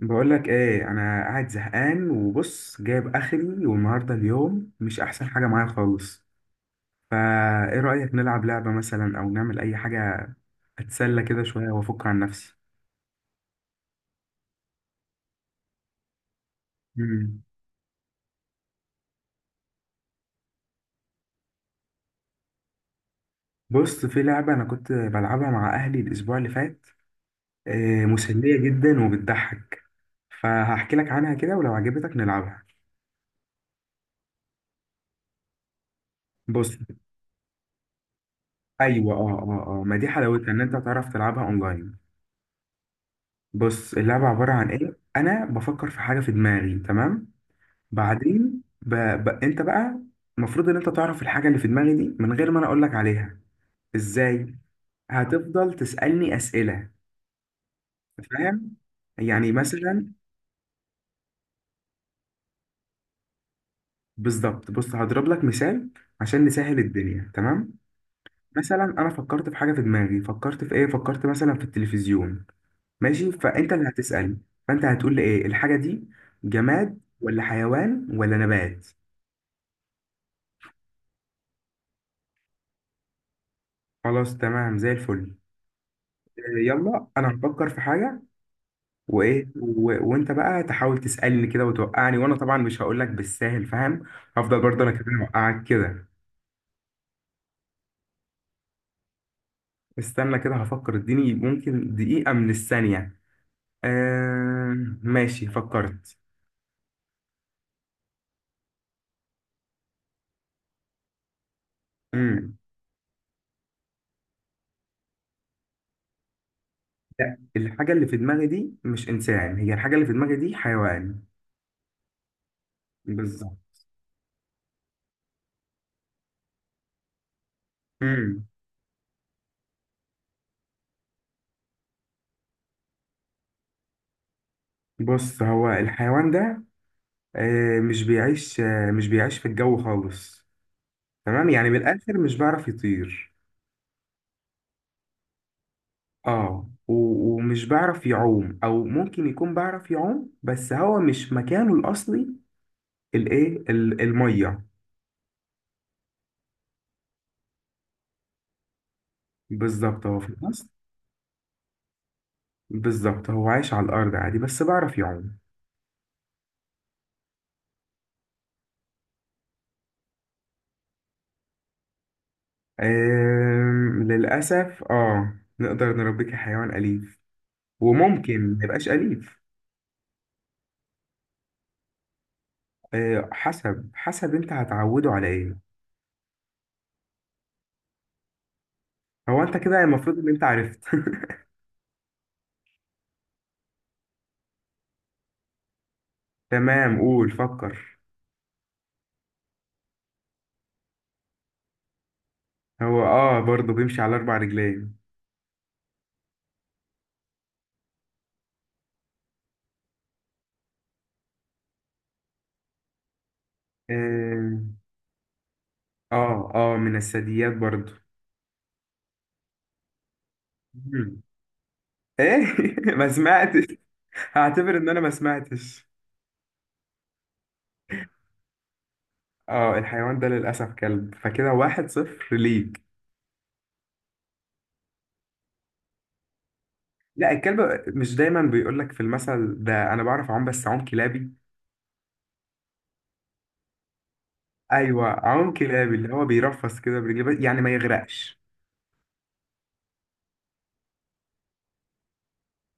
بقول لك ايه، انا قاعد زهقان وبص جايب اخري، والنهارده اليوم مش احسن حاجه معايا خالص. فا ايه رايك نلعب لعبه مثلا او نعمل اي حاجه، اتسلى كده شويه وافك عن نفسي. مم. بص، في لعبه انا كنت بلعبها مع اهلي الاسبوع اللي فات، مسليه جدا وبتضحك. فهحكي لك عنها كده ولو عجبتك نلعبها. بص، ايوه اه اه اه آه، ما دي حلاوتها ان انت تعرف تلعبها اونلاين. بص، اللعبه عباره عن ايه، انا بفكر في حاجه في دماغي، تمام. بعدين انت بقى المفروض ان انت تعرف الحاجه اللي في دماغي دي من غير ما انا اقول لك عليها. ازاي؟ هتفضل تسالني اسئله، فاهم؟ يعني مثلا، بالظبط. بص هضرب لك مثال عشان نسهل الدنيا، تمام. مثلا انا فكرت في حاجه في دماغي، فكرت في ايه، فكرت مثلا في التلفزيون. ماشي، فانت اللي هتسال، فانت هتقول لي ايه الحاجه دي، جماد ولا حيوان ولا نبات. خلاص تمام، زي الفل. يلا انا هفكر في حاجه وايه وانت بقى تحاول تسالني كده وتوقعني، وانا طبعا مش هقول لك بالساهل، فاهم؟ هفضل برضه انا كمان اوقعك كده. استنى كده هفكر، اديني ممكن دقيقه من الثانيه. آه... ماشي، فكرت. امم لا، الحاجه اللي في دماغي دي مش انسان، هي الحاجه اللي في دماغي دي حيوان. بالظبط. امم بص، هو الحيوان ده مش بيعيش في الجو خالص. تمام، يعني بالاخر مش بيعرف يطير. اه ومش بعرف يعوم، او ممكن يكون بعرف يعوم بس هو مش مكانه الاصلي، الايه، الميه. بالظبط، هو في مصر. بالظبط، هو عايش على الارض عادي بس بعرف يعوم. للاسف اه، نقدر نربيه كحيوان اليف وممكن ما يبقاش اليف. آه، حسب حسب انت هتعوده على ايه. هو انت كده المفروض ان انت عرفت. تمام، قول، فكر. هو اه برضه بيمشي على 4 رجلين. آه اه من الثدييات برضو. مم. ايه؟ ما سمعتش. هعتبر ان انا ما سمعتش. اه، الحيوان ده للاسف كلب، فكده 1-0 ليك. لا، الكلب مش دايما بيقول لك في المثل ده، انا بعرف اعوم بس اعوم كلابي. ايوه، اعوم كلابي، اللي هو بيرفس كده برجليه يعني ما يغرقش.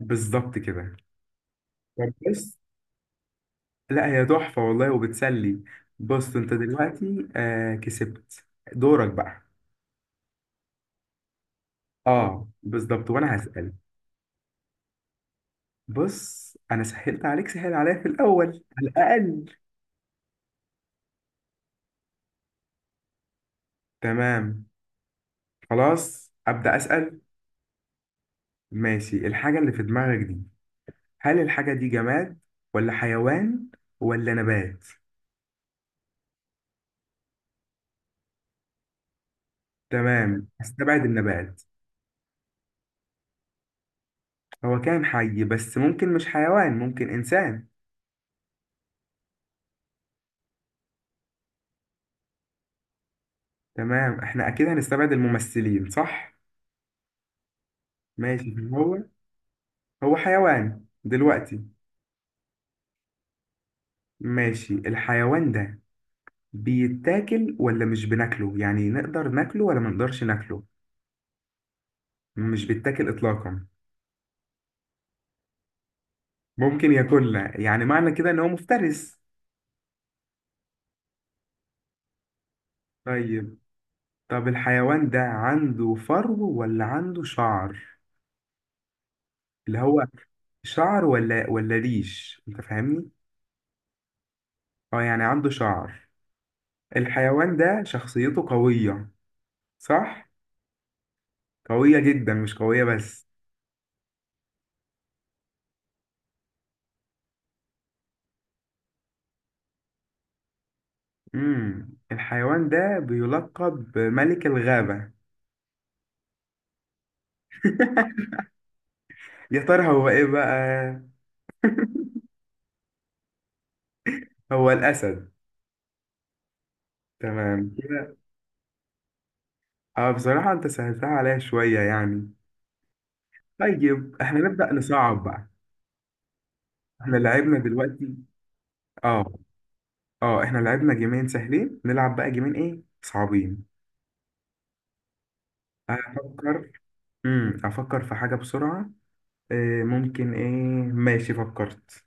بالظبط كده. طب بص، لا هي تحفه والله وبتسلي. بص، انت دلوقتي كسبت. دورك بقى. اه بالظبط، وانا هسأل. بص، انا سهلت عليك، سهل عليا في الاول على الاقل. تمام، خلاص ابدا اسال. ماشي، الحاجه اللي في دماغك دي، هل الحاجه دي جماد ولا حيوان ولا نبات؟ تمام، استبعد النبات. هو كان حي بس ممكن مش حيوان، ممكن انسان. تمام، احنا اكيد هنستبعد الممثلين، صح. ماشي، هو هو حيوان دلوقتي. ماشي، الحيوان ده بيتاكل ولا مش بناكله؟ يعني نقدر ناكله ولا ما نقدرش ناكله؟ مش بيتاكل إطلاقا؟ ممكن ياكلها، يعني معنى كده إن هو مفترس. طيب، طب الحيوان ده عنده فرو ولا عنده شعر، اللي هو شعر ولا ولا ريش، أنت فاهمني؟ اه، يعني عنده شعر. الحيوان ده شخصيته قوية، صح؟ قوية جدا، مش قوية بس. الحيوان ده بيلقب بملك الغابة. يا ترى هو ايه بقى؟ هو الأسد؟ تمام كده. اه، بصراحة انت سهلتها عليا شوية يعني. طيب احنا نبدأ نصعب بقى. احنا لعبنا دلوقتي. اه اه، احنا لعبنا جيمين سهلين، نلعب بقى جيمين ايه صعبين. افكر. افكر في حاجة بسرعة. ممكن ايه. ماشي فكرت،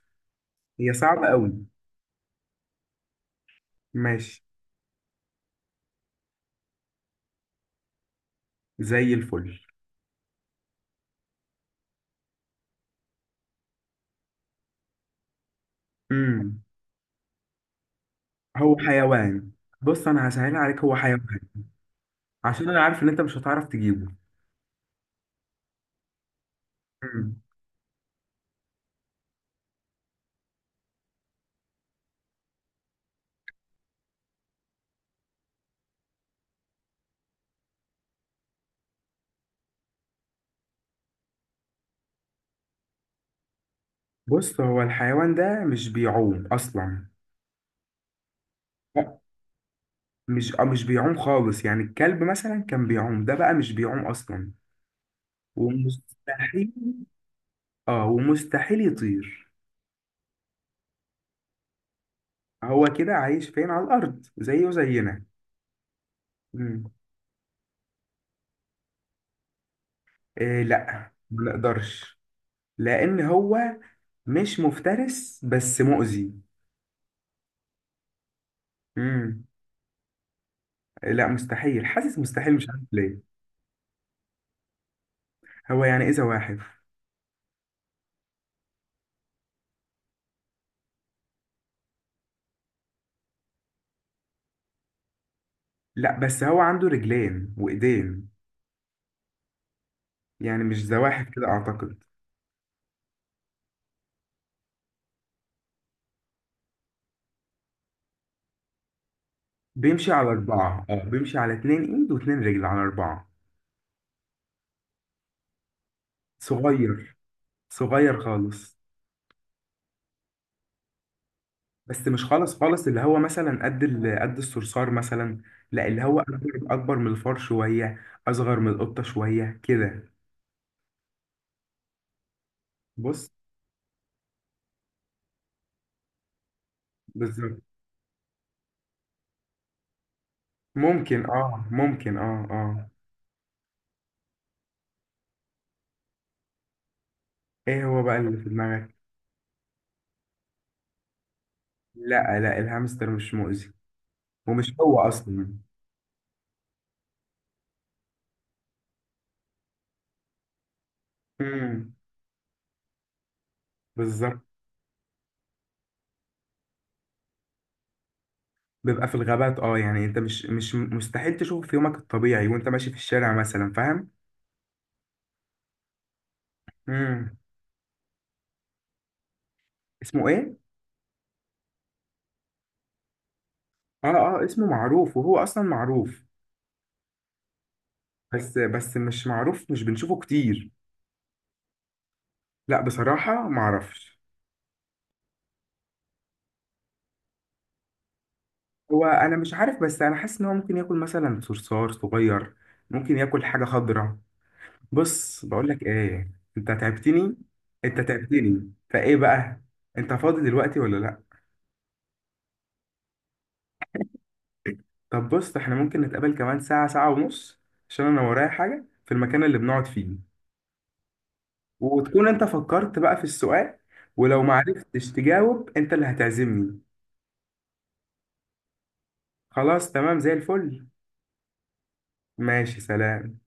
هي صعبة قوي. ماشي زي الفل. امم هو حيوان. بص انا هسهلها عليك، هو حيوان، عشان انا عارف ان انت مش هتعرف تجيبه. امم بص، هو الحيوان ده مش بيعوم اصلا. مش بيعوم خالص، يعني الكلب مثلا كان بيعوم، ده بقى مش بيعوم اصلا. ومستحيل، اه ومستحيل يطير. هو كده عايش فين، على الارض زيه زينا. مم. إيه لا، ما نقدرش. لان هو مش مفترس بس مؤذي. مم. لا مستحيل، حاسس مستحيل، مش عارف ليه. هو يعني ايه زواحف؟ لا بس هو عنده رجلين وايدين، يعني مش زواحف كده اعتقد. بيمشي على 4، اه بيمشي على 2 ايد واتنين رجل، على 4. صغير، صغير خالص. بس مش خالص خالص، اللي هو مثلا قد الصرصار مثلا. لا، اللي هو اكبر، اكبر من الفار شويه، اصغر من القطه شويه كده. بص، بالظبط. ممكن ممكن اه اه. ايه هو بقى اللي في دماغك؟ لا لا، الهامستر مش مؤذي، ومش هو اصلا. امم بالظبط. بيبقى في الغابات، اه يعني انت مش مستحيل تشوفه في يومك الطبيعي وانت ماشي في الشارع مثلا، فاهم؟ امم اسمه ايه؟ اه اه اسمه معروف، وهو اصلا معروف. بس مش معروف، مش بنشوفه كتير. لا بصراحة معرفش. هو انا مش عارف، بس انا حاسس ان هو ممكن ياكل مثلا صرصار صغير، ممكن ياكل حاجة خضراء. بص بقول لك ايه، انت تعبتني. انت تعبتني، فايه بقى، انت فاضي دلوقتي ولا لا؟ طب بص، احنا ممكن نتقابل كمان ساعة، ساعة ونص، عشان انا ورايا حاجة في المكان اللي بنقعد فيه، وتكون انت فكرت بقى في السؤال، ولو ما عرفتش تجاوب انت اللي هتعزمني. خلاص تمام زي الفل. ماشي، سلام.